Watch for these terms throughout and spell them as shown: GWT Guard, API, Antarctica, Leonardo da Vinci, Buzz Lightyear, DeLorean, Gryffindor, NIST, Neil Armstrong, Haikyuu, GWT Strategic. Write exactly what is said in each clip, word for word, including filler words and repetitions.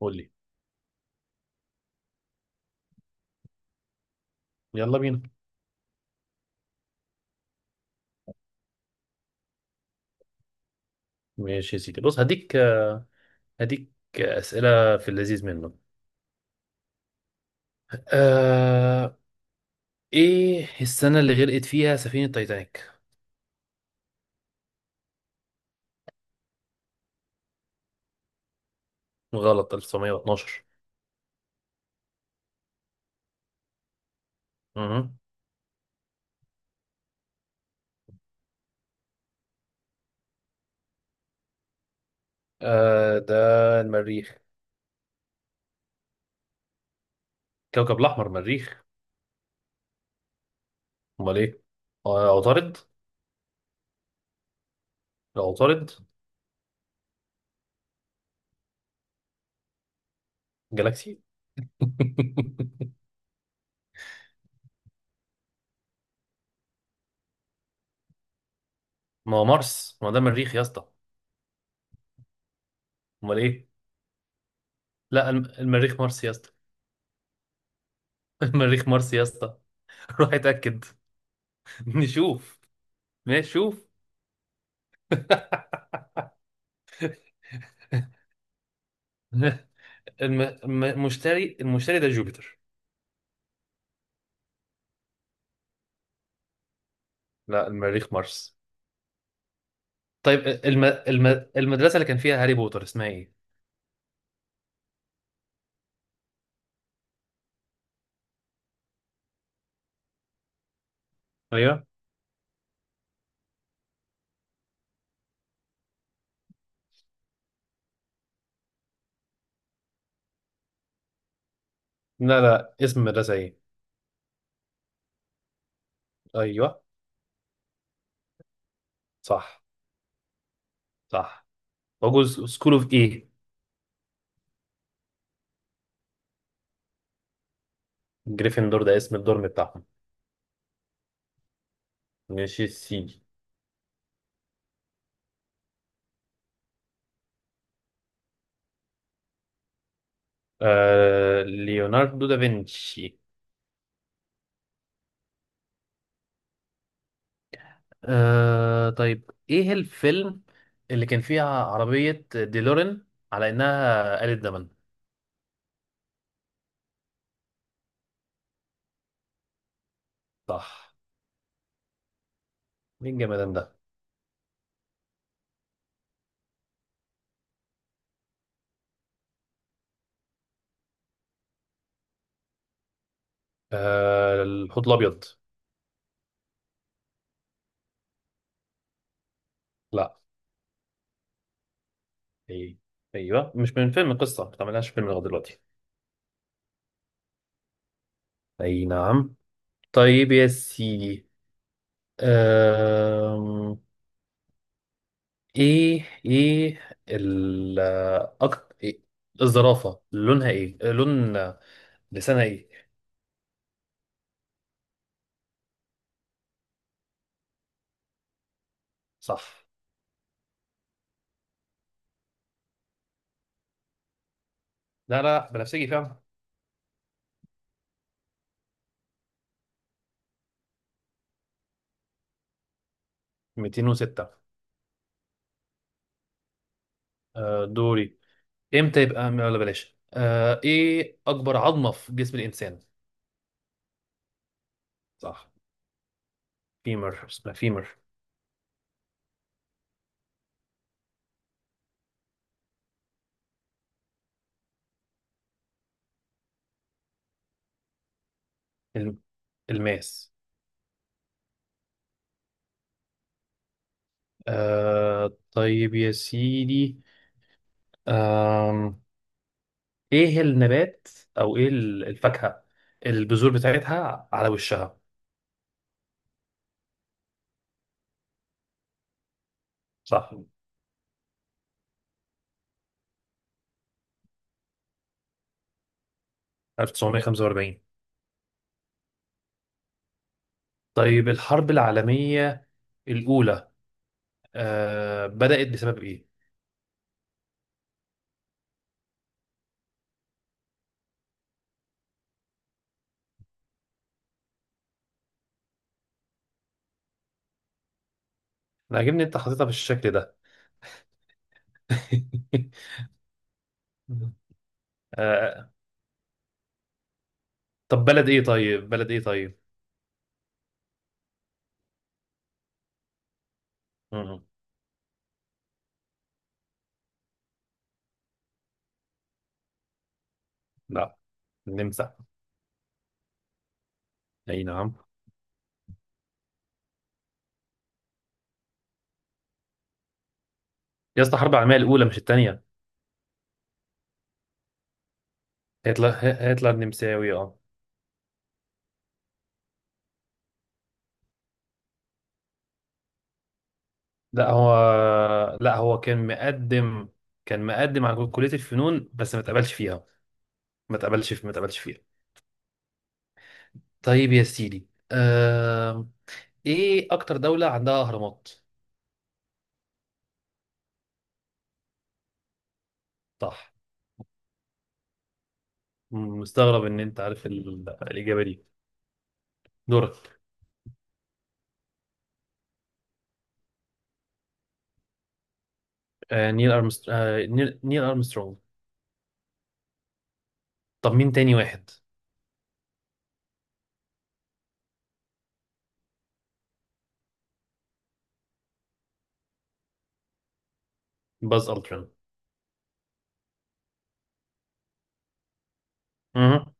قول لي. يلا بينا. ماشي يا سيدي، بص هديك هديك أسئلة في اللذيذ منه. آه... ايه السنة اللي غرقت فيها سفينة تايتانيك؟ غلط، ألف وتسعمية واتناشر. اها. آه، ده المريخ. كوكب الأحمر مريخ. امال ايه؟ آه، عطارد. لا، عطارد. جالاكسي. ما هو مارس، ما هو ده مريخ يا اسطى. امال ايه؟ لا، الم- المريخ مارس يا اسطى. المريخ مارس يا اسطى. روح اتأكد. نشوف. ماشي، شوف. الم... الم... مشتري المشتري ده جوبيتر. لا، المريخ مارس. طيب، الم... الم... المدرسة اللي كان فيها هاري بوتر اسمها ايه؟ ايوه. لا لا، اسم المدرسة ايه؟ ايوه، صح صح. وجوز سكول اوف ايه؟ جريفندور ده اسم الدورم بتاعهم. ماشي يا سيدي. آه... ليوناردو دافنشي. آه... طيب، ايه الفيلم اللي كان فيها عربية ديلورين على انها آلة زمن؟ صح. مين الجمدان ده؟ آه... الحوت الابيض. لا. اي ايوه، مش من فيلم، قصه ما تعملهاش فيلم لغايه دلوقتي. اي نعم. طيب يا سيدي. أم... ايه ايه ال أك... إيه؟ الزرافه لونها ايه لون لسانها ايه؟ صح. لا لا، بنفسجي فعلا. ميتين وستة. أه، دوري. امتى يبقى، ولا بلاش. أه ايه اكبر عظمه في جسم الانسان؟ صح. فيمر، اسمها فيمر. الم- الماس. آه طيب يا سيدي، آه ايه النبات او ايه ال- الفاكهة البذور بتاعتها على وشها؟ صح. ألف وتسعمية وخمسة وأربعين. طيب، الحرب العالمية الأولى آه بدأت بسبب ايه؟ انا عاجبني انت حاططها بالشكل ده. آه طب بلد ايه طيب؟ بلد ايه طيب؟ مم. لا، النمسا. اي نعم. يا اسطى، الحرب العالمية الأولى مش الثانية. هتلر هتلر نمساوي، اه. لا هو لا هو كان مقدم كان مقدم على كلية الفنون بس ما اتقبلش فيها. ما اتقبلش في ما اتقبلش فيها. طيب يا سيدي. آه... ايه اكتر دولة عندها اهرامات؟ صح. م- مستغرب ان انت عارف ال... الاجابة دي. دورك. آه... نيل أرمستر... آه... نيل... نيل ارمسترونج طب مين تاني واحد؟ باز التران. مهم.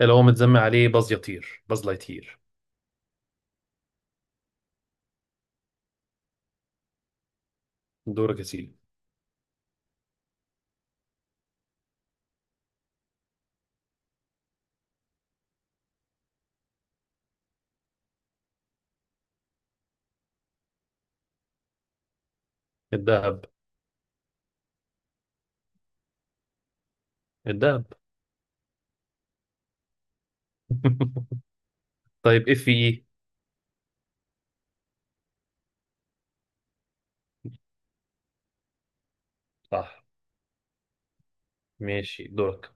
اللي هو متسمى عليه باز يطير، باز لايتير. دورك يا سيدي. الدهب. الدهب. طيب، اف اي إيه؟ صح. ماشي، دورك.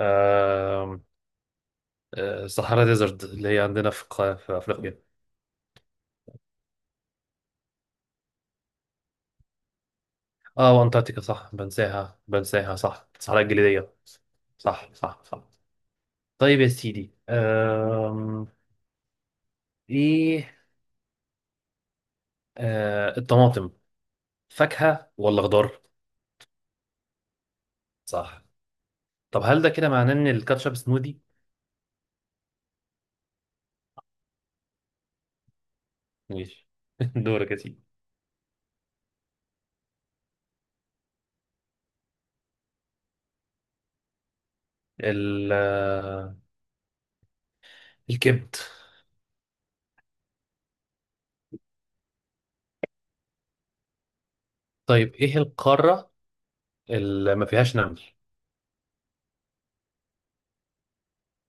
آم، آه، صحراء ديزرت اللي هي عندنا في قا- في أفريقيا. اه، وأنتاركتيكا صح، بنساها بنساها، صح، الصحراء الجليدية. صح صح صح. طيب يا سيدي. آم، ايه، آه، الطماطم فاكهة ولا خضار؟ صح. طب هل ده كده معناه ان الكاتشب سموذي؟ ماشي. دورك يا سيدي. ال- آه، الكبد. طيب، ايه القارة اللي ما فيهاش نمل؟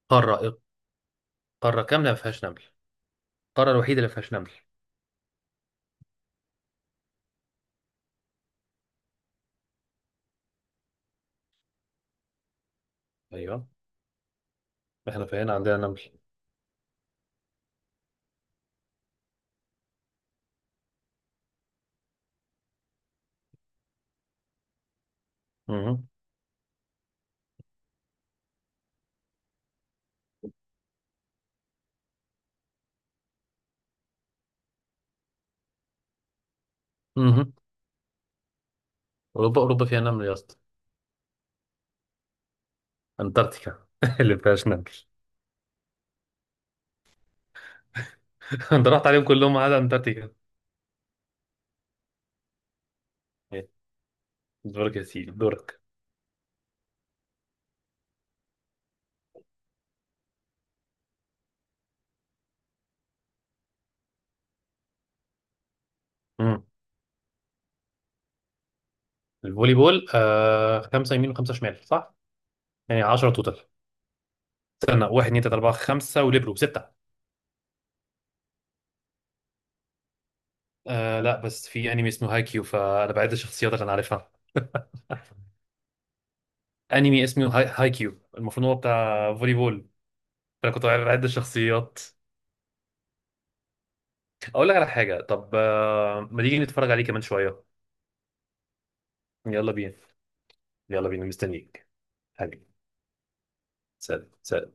قارة قارة كاملة ما فيهاش نمل. القارة الوحيدة اللي ما فيهاش نمل. ايوه، احنا في هنا عندنا نمل. مهم. مهم. اوروبا اوروبا فيها نمل يا اسطى. انتاركتيكا اللي فيهاش نمل. انت رحت عليهم كلهم ما عدا انتاركتيكا. إيه. دورك يا سيدي، دورك. مم. الفولي بول آه خمسه يمين وخمسه شمال صح؟ يعني عشرة توتال. استنى، واحد اتنين تلاته اربعه خمسه وليبرو سته. آه لا بس في انمي اسمه هايكيو، فانا بعد الشخصيات اللي انا عارفها. انمي اسمه هاي هايكيو، المفروض هو بتاع فولي بول. فانا كنت بعد الشخصيات. اقول لك على حاجه، طب آه، ما تيجي نتفرج عليه كمان شويه؟ يلا بينا. يلا بينا، مستنيك حبيبي. سلام سلام.